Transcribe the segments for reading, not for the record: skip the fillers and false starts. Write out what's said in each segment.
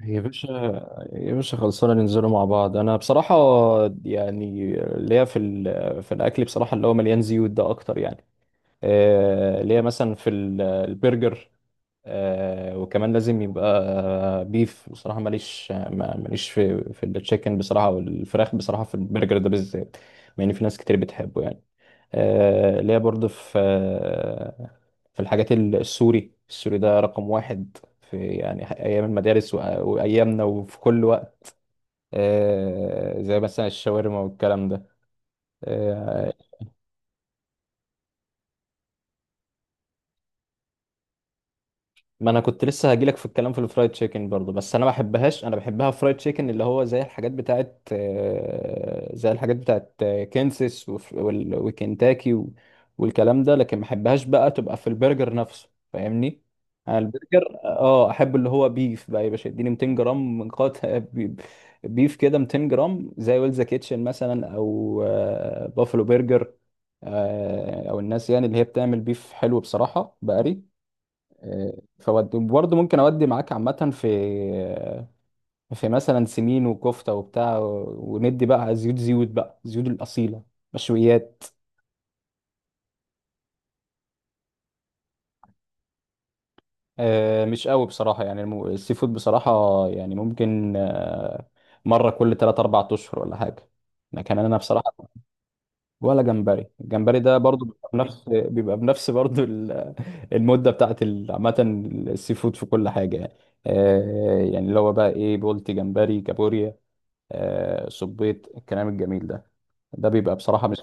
يا باشا، خلصانة ننزلوا مع بعض. أنا بصراحة يعني ليا في الأكل بصراحة، اللي هو مليان زيوت ده أكتر يعني. ليا مثلا في البرجر. وكمان لازم يبقى بيف. بصراحة ماليش، ماليش في التشيكن بصراحة، والفراخ بصراحة في البرجر ده بالذات، مع إن في ناس كتير بتحبه يعني. اللي هي برضه في الحاجات السوري، السوري ده رقم واحد في يعني أيام المدارس وأيامنا وفي كل وقت. زي مثلا الشاورما والكلام ده. آه، ما انا كنت لسه هجيلك في الكلام في الفرايد تشيكن برضو، بس انا ما بحبهاش، انا بحبها فرايد تشيكن اللي هو زي الحاجات بتاعت كنسس وكنتاكي والكلام ده، لكن ما بحبهاش بقى، تبقى في البرجر نفسه فاهمني. انا البرجر احب اللي هو بيف بقى يا باشا. اديني 200 جرام من قطع بيف كده، 200 جرام، زي ويلز كيتشن مثلا، او بافلو برجر، او الناس يعني اللي هي بتعمل بيف حلو بصراحة، بقري فودي. وبرضه ممكن اودي معاك عامة في مثلا سمين وكفتة وبتاع وندي بقى، زيوت زيوت بقى زيوت الأصيلة مشويات. مش قوي بصراحة يعني، السي فود بصراحة. يعني ممكن مرة كل 3 4 اشهر، ولا حاجة، لكن انا بصراحة. ولا جمبري، الجمبري ده برضه بيبقى بنفس برضه المدة بتاعت عامة السي فود في كل حاجة يعني. يعني اللي هو بقى ايه، بولتي، جمبري، كابوريا. صبيت الكلام الجميل ده بيبقى بصراحه مش.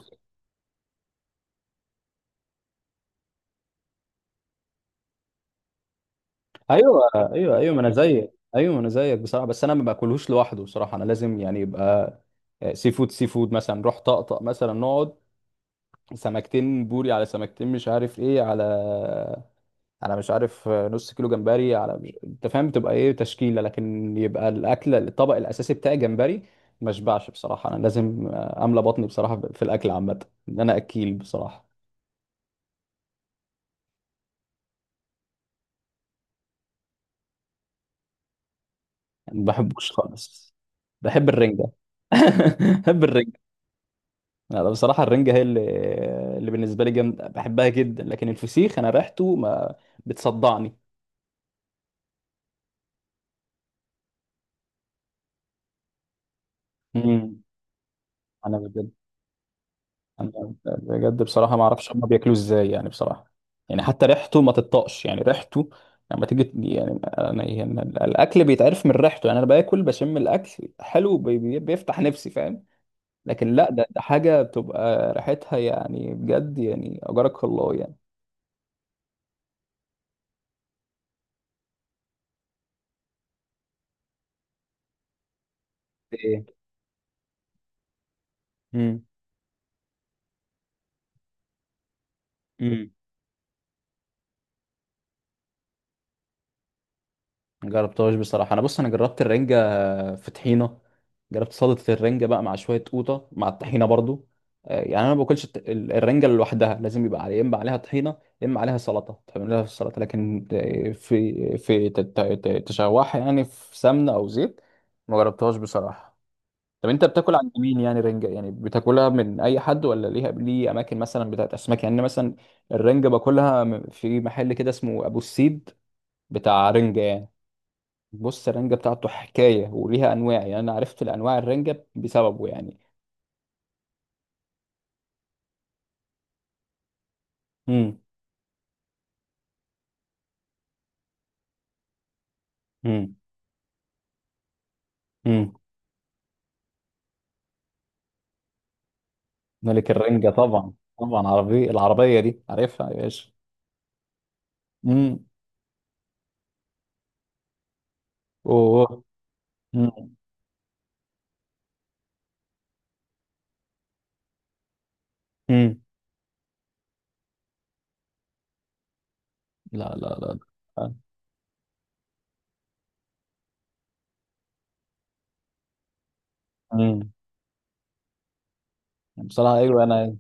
ايوه، ايوه، ايوه، ما انا زيك، ايوه، ما انا زيك بصراحه. بس انا ما باكلهوش لوحده بصراحه، انا لازم يعني يبقى سي فود. سي فود مثلا، نروح طقطق مثلا، نقعد سمكتين بوري على سمكتين، مش عارف ايه على مش عارف، نص كيلو جمبري على مش. انت فاهم، تبقى ايه تشكيله، لكن يبقى الاكل الطبق الاساسي بتاعي جمبري. ما اشبعش بصراحه، انا لازم املى بطني بصراحه في الاكل عامه، ان انا اكيل بصراحه. ما بحبوش خالص. بحب الرنجة. بحب الرنجة. لا، لا، بصراحة الرنجة هي اللي بالنسبة لي جامدة، بحبها جدا، لكن الفسيخ أنا ريحته ما بتصدعني. امم. أنا بجد أنا بجد بصراحة، ما أعرفش هما بياكلوه إزاي يعني بصراحة. يعني حتى ريحته ما تطاقش يعني، ريحته لما تيجي يعني، أنا يعني الأكل بيتعرف من ريحته يعني، أنا باكل بشم الأكل حلو، بيفتح نفسي فاهم. لكن لا، ده حاجة بتبقى ريحتها يعني بجد يعني، أجرك الله يعني. ايه. امم. امم. جربتهاش بصراحه. انا بص، انا جربت الرنجه في طحينه، جربت سلطه الرنجه بقى مع شويه قوطه مع الطحينه برضو. يعني انا ما باكلش الرنجه لوحدها، لازم يبقى عليها يا اما عليها طحينه، يا اما عليها سلطه، تعمل لها في السلطه، لكن في تشوحها يعني في سمنه او زيت. ما جربتهاش بصراحه. طب انت بتاكل عند مين يعني رنجه؟ يعني بتاكلها من اي حد ولا ليها ليه اماكن مثلا بتاعت اسماك؟ يعني أنا مثلا الرنجه باكلها في محل كده اسمه ابو السيد، بتاع رنجة يعني. بص، الرنجة بتاعته حكاية وليها أنواع، يعني أنا عرفت الأنواع الرنجة بسببه يعني. امم. امم. امم. ملك الرنجة طبعا، طبعا. العربية دي عارفها يا باشا. امم. أوه. امم. امم. لا، لا، لا. لا. امم. بصراحة، أيوه. أنا،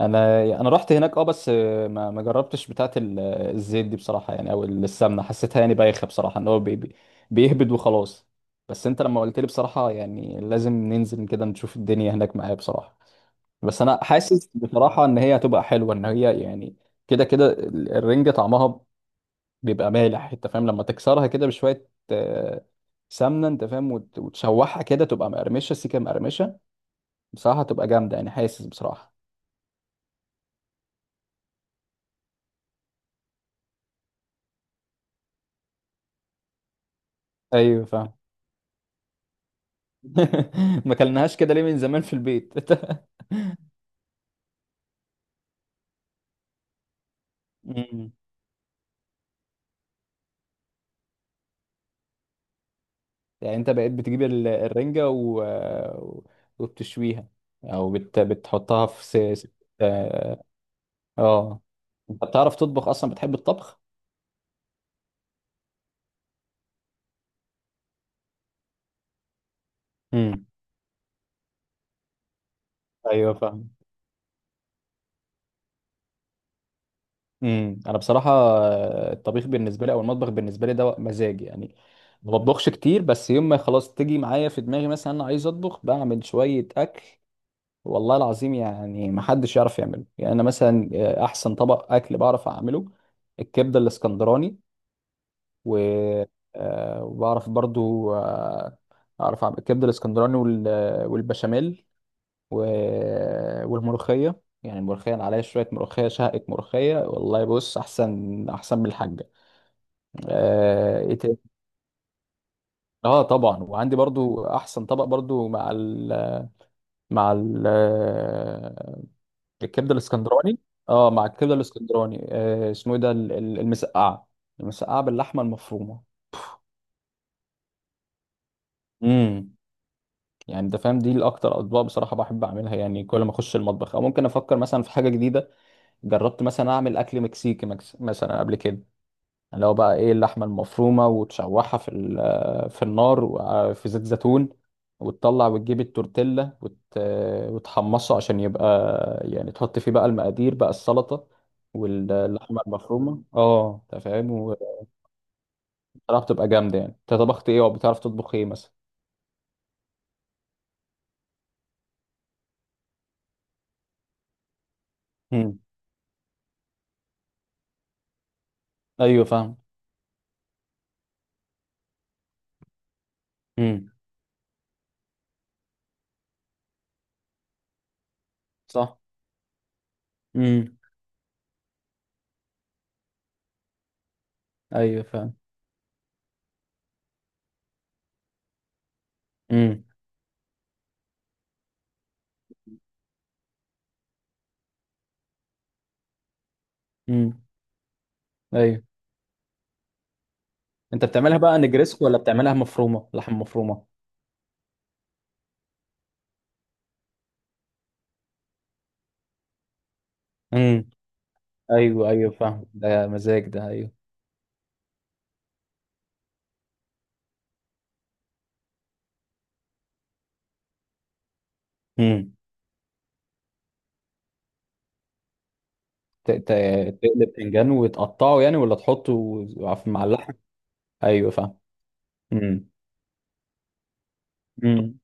انا رحت هناك، اه، بس ما جربتش بتاعه الزيت دي بصراحه يعني، او السمنه حسيتها يعني بايخه بصراحه، ان هو بيهبد وخلاص. بس انت لما قلت لي بصراحه يعني لازم ننزل كده نشوف الدنيا هناك معايا بصراحه، بس انا حاسس بصراحه ان هي هتبقى حلوه، ان هي يعني كده كده الرنجه طعمها بيبقى مالح، انت فاهم، لما تكسرها كده بشويه سمنه، انت فاهم، وتشوحها كده تبقى مقرمشه سيكه مقرمشه بصراحه، تبقى جامده يعني حاسس بصراحه. ايوه فاهم. ما كلناهاش كده ليه من زمان في البيت. مم. يعني انت بقيت بتجيب الرنجة و... وبتشويها، او بتحطها في س... س- اه آه. انت بتعرف تطبخ اصلا؟ بتحب الطبخ؟ امم. ايوه فاهم. امم. انا بصراحة الطبيخ بالنسبة لي او المطبخ بالنسبة لي ده مزاج يعني، ما بطبخش كتير، بس يوم ما خلاص تيجي معايا في دماغي مثلا انا عايز اطبخ بعمل شوية اكل والله العظيم يعني ما حدش يعرف يعمله. يعني انا مثلا احسن طبق اكل بعرف اعمله الكبده الاسكندراني، و آه، وبعرف برضو آه، اعرف اعمل الكبده الاسكندراني والبشاميل والملوخيه. يعني الملوخيه، أنا عليها شويه ملوخيه شهقة ملوخيه والله. بص، احسن احسن من الحاجه. اه، إيه تاني؟ طبعا. وعندي برضو احسن طبق برضو مع ال مع ال آه، الكبده الاسكندراني. اه مع الكبده الاسكندراني اسمه ايه ده، المسقعه، المسقعه باللحمه المفرومه. امم. يعني انت فاهم دي الاكتر اطباق بصراحه بحب اعملها، يعني كل ما اخش المطبخ او ممكن افكر مثلا في حاجه جديده. جربت مثلا اعمل اكل مكسيكي، مثلا قبل كده، اللي هو بقى ايه، اللحمه المفرومه وتشوحها في النار وفي زيت زيتون، وتطلع وتجيب التورتيلا وت... وتحمصه عشان يبقى يعني، تحط فيه بقى المقادير بقى، السلطه واللحمه المفرومه، انت فاهم. وبصراحه بتبقى جامده يعني. انت طبخت ايه وبتعرف تطبخ ايه مثلا؟ امم. ايوه فاهم. امم. صح. امم. ايوه فاهم. امم. امم. ايوه. انت بتعملها بقى نجريسكو ولا بتعملها مفرومه، لحم مفرومه؟ ايوه، ايوه فاهم. ده مزاج ده. ايوه. امم. تقلب باذنجان وتقطعه يعني، ولا تحطه مع اللحم؟ ايوه فاهم. امم. امم.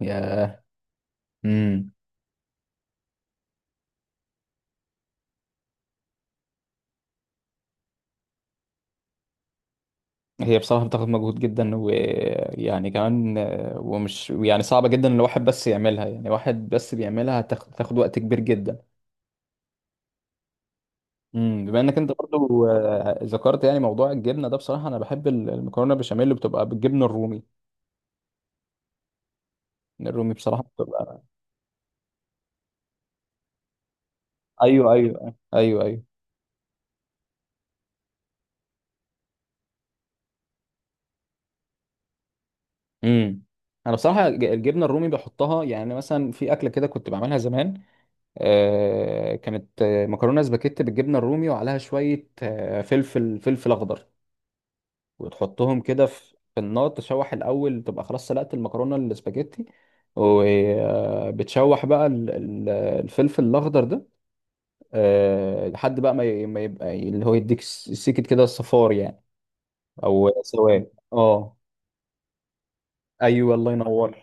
يا. امم. هي بصراحة بتاخد مجهود جدا، ويعني كمان ومش يعني صعبة جدا لو واحد بس يعملها، يعني واحد بس بيعملها تاخد وقت كبير جدا. امم. بما انك انت برضو ذكرت يعني موضوع الجبنة ده، بصراحة انا بحب المكرونة بشاميل اللي بتبقى بالجبنة الرومي. الرومي بصراحة بتبقى. ايوه، ايوه، ايوه، ايوه. امم. انا بصراحه الجبنه الرومي بحطها. يعني أنا مثلا في اكله كده كنت بعملها زمان، كانت مكرونه سباكيت بالجبنه الرومي وعليها شويه فلفل اخضر، وتحطهم كده في النار، تشوح الاول، تبقى خلاص سلقت المكرونه السباكيتي، وبتشوح بقى الفلفل الاخضر ده، لحد بقى ما يبقى اللي هو يديك سيكت كده صفار يعني، او سواد. اه ايوه، الله ينور.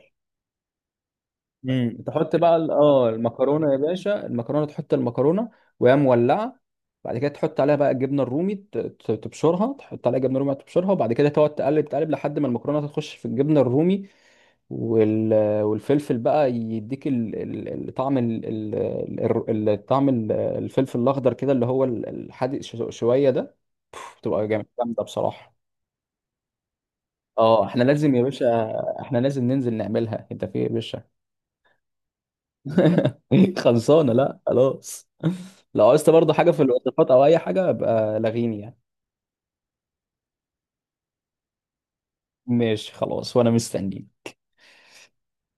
امم. تحط بقى المكرونه يا باشا، تحط المكرونه وهي مولعه. بعد كده تحط عليها بقى الجبنه الرومي، تبشرها، تحط عليها جبنه رومي تبشرها، وبعد كده تقعد تقلب تقلب لحد ما المكرونه تخش في الجبنه الرومي، وال... والفلفل بقى يديك ال... ال... الطعم ال... ال... ال... ال- طعم الفلفل الاخضر كده اللي هو الحادق شويه ده، بتبقى جامده بصراحه. اه احنا لازم يا باشا احنا لازم ننزل نعملها. انت في إيه يا باشا؟ خلصانه. لا، خلاص. لو عايزت برضه حاجه في الوصفات او اي حاجه ابقى لغيني يعني. ماشي خلاص، وانا مستنيك.